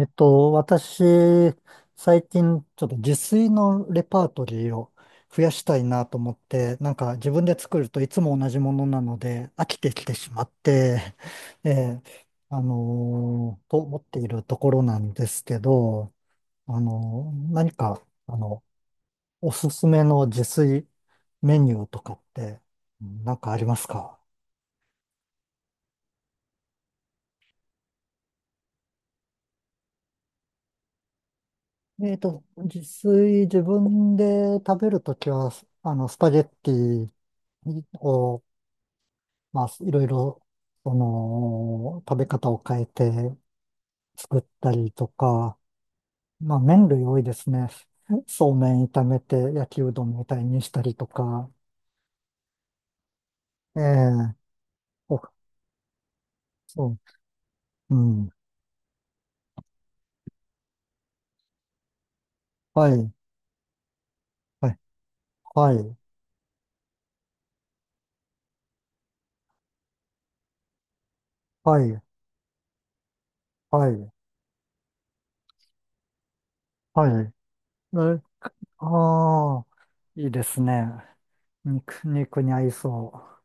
私、最近、ちょっと自炊のレパートリーを増やしたいなと思って、なんか自分で作るといつも同じものなので飽きてきてしまって、ええと思っているところなんですけど、何か、あの、おすすめの自炊メニューとかって、うんなんかありますか？自炊、自分で食べるときは、スパゲッティを、まあ、いろいろ、その、食べ方を変えて作ったりとか、まあ、麺類多いですね。そうめん炒めて焼きうどんみたいにしたりとか。ええ、お、そう、うん、はい、はい、はい、はい、はい、はい。え、ああ、いいですね。肉、肉に合いそ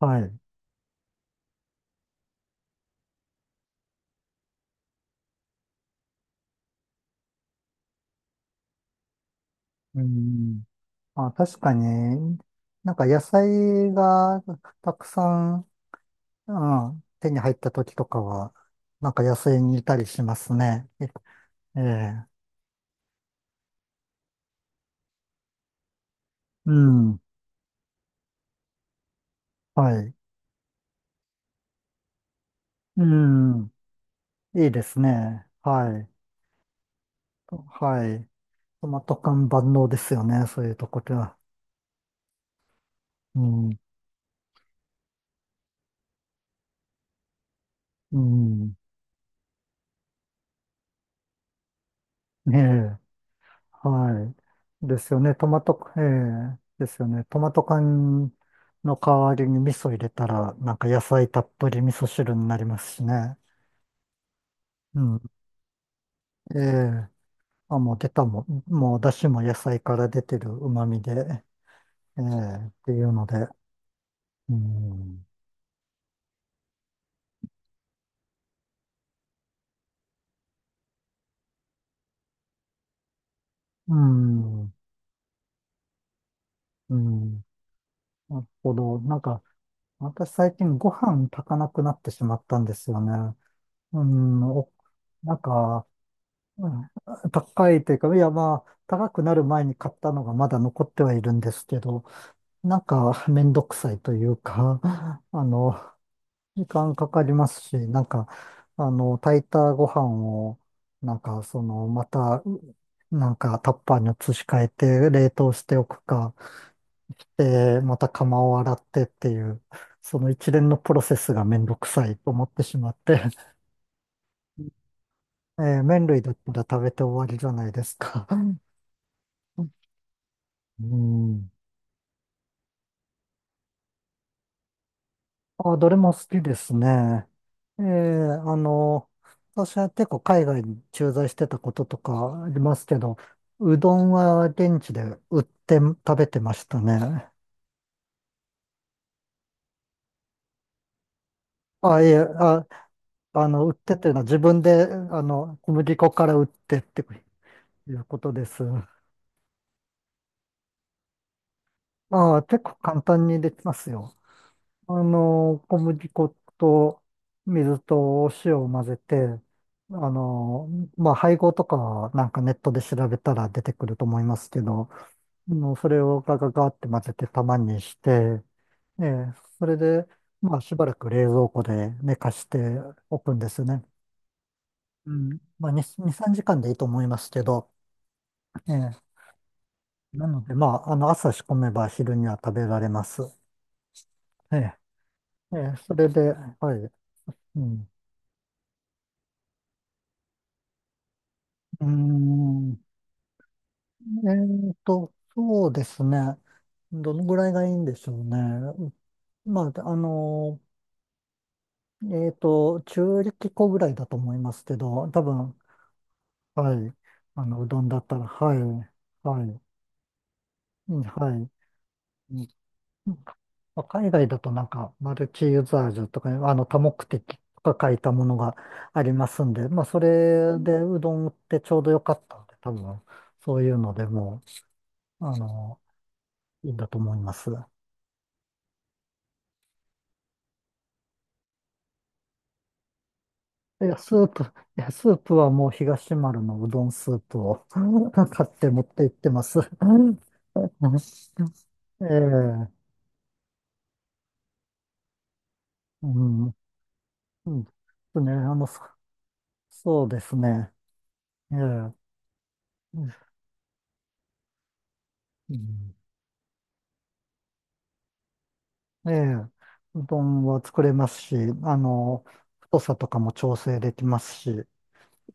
う。はい。うん。あ、確かに、なんか野菜がたくさん、ああ、手に入った時とかは、なんか野生にいたりしますね。ええ、うん、はい。うん、いいですね。はい。とはい。トマト缶万能ですよね、そういうとこでは。うん、うん、ねえ、はい。ですよね、トマト、ええ、ですよね。トマト缶の代わりに味噌入れたら、なんか野菜たっぷり味噌汁になりますしね。うん、ええあ、もう出たもん、もう出汁も野菜から出てる旨味で、ええっていうので、うん、うん、うん、なるほど。なんか、私最近ご飯炊かなくなってしまったんですよね。うん、なんか、うん、高いというか、いやまあ、高くなる前に買ったのがまだ残ってはいるんですけど、なんかめんどくさいというか、あの、時間かかりますし、なんか、炊いたご飯を、なんか、その、また、なんか、タッパーに移し替えて、冷凍しておくか、で、また釜を洗ってっていう、その一連のプロセスがめんどくさいと思ってしまって、麺類だったら食べて終わりじゃないですか。うん。あ、どれも好きですね。ええ、あの、私は結構海外に駐在してたこととかありますけど、うどんは現地で売って食べてましたね。あ、いえ、売ってというのは自分で、小麦粉から売ってっていうことです。ああ、結構簡単にできますよ。小麦粉と水とお塩を混ぜて、あの、まあ、配合とかはなんかネットで調べたら出てくると思いますけど、それをガガガって混ぜて玉にして、それで、まあ、しばらく冷蔵庫で寝かしておくんですよね。うん。まあ、2、2、3時間でいいと思いますけど、えなので、まあ、朝仕込めば昼には食べられます。えそれで、はい。うん。うーん。えそうですね。どのぐらいがいいんでしょうね。まあ、中力粉ぐらいだと思いますけど、多分。はい。うどんだったら、はい、はい、うんはい。うん、まあ海外だとなんか、マルチユーザージュとか、多目的とか書いたものがありますんで、まあ、それでうどん売ってちょうどよかったんで、多分、そういうのでもう、いいんだと思います。いや、スープ、いや、スープはもう東丸のうどんスープを 買って持って行ってます。ええ、うん、うん、ですね、そうですね。ええ、うん、ええ、うどんは作れますし、あの、太さとかも調整できますし、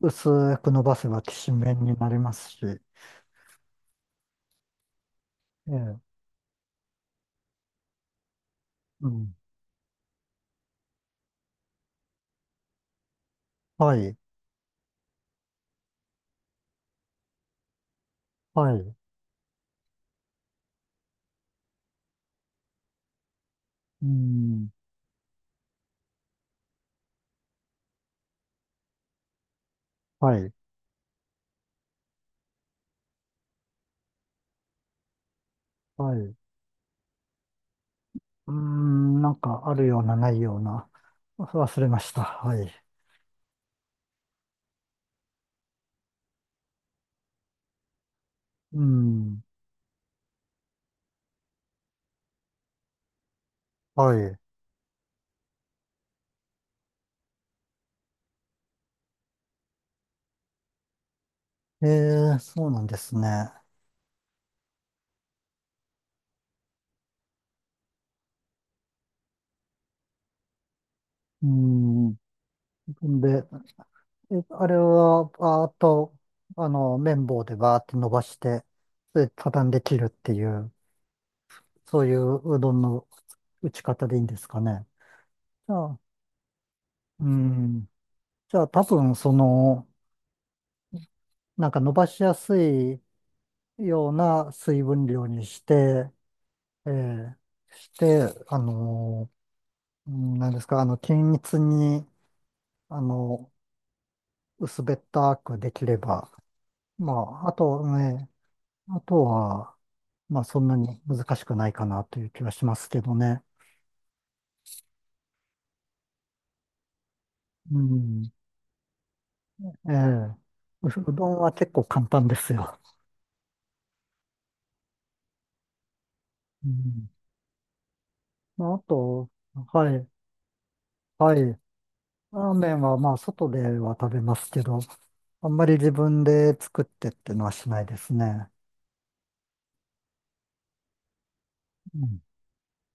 薄く伸ばせばきしめんになりますし、ええ、うん、はい、はい、うん、はい、はい。うーん、なんかあるようなないような。忘れました。はい。うん。はい。えそうなんですね。うん。で、あれは、ああと、綿棒でバーって伸ばして、それで畳んで切るっていう、そういううどんの打ち方でいいんですかね。じゃあ、うん。じゃあ多分、その、なんか伸ばしやすいような水分量にして、ええで、うんなんですか、均一に、あの、薄べったくできれば、まあ。あとね、あとは、まあ、そんなに難しくないかなという気はしますけどね。うん。ええ、うどんは結構簡単ですよ。うん。まあ、あと、はい、はい。ラーメンは、まあ、外では食べますけど、あんまり自分で作ってってのはしないですね。うん。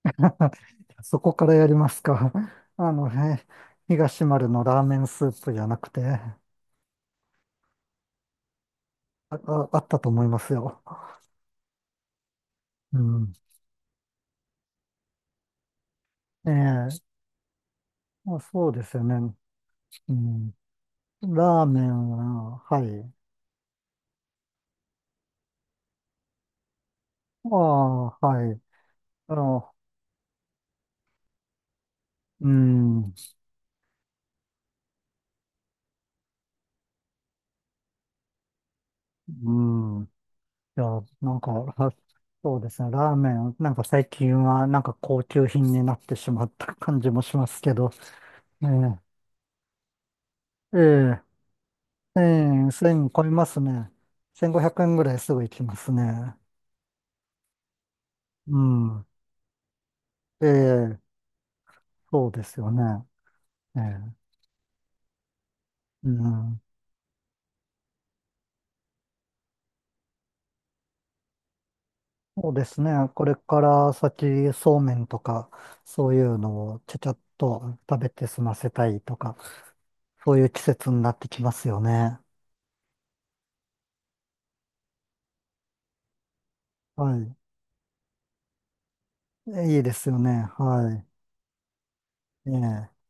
そこからやりますか。あのね、東丸のラーメンスープじゃなくて。あ、あったと思いますよ。うん。ええ、まあ、そうですよね。うん。ラーメンは、はい。ああ、はい。あの、うん、うん。いや、なんか、あ、そうですね。ラーメン、なんか最近は、なんか高級品になってしまった感じもしますけど。ええ、ええ。ええ、1000超えますね。1500円ぐらいすぐ行きますね。うん。ええ、そうですよね。ええ、うん。そうですね。これから先、そうめんとか、そういうのをちゃちゃっと食べて済ませたいとか、そういう季節になってきますよね。はい。いいですよね。はい。ええ、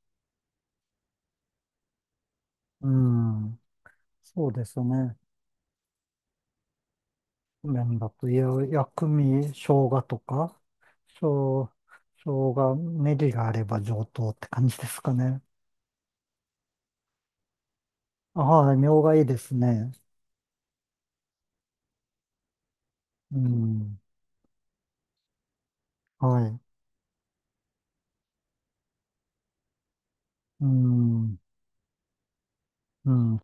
うん。そうですよね。麺だと、いや、薬味、生姜とか、生、生姜、ネギがあれば上等って感じですかね。あ、はい、みょうがいいですね。うん。はい。うん。うん。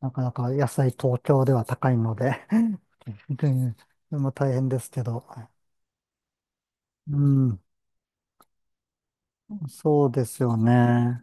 なかなか野菜東京では高いので、 で、で、も大変ですけど。うん。そうですよね。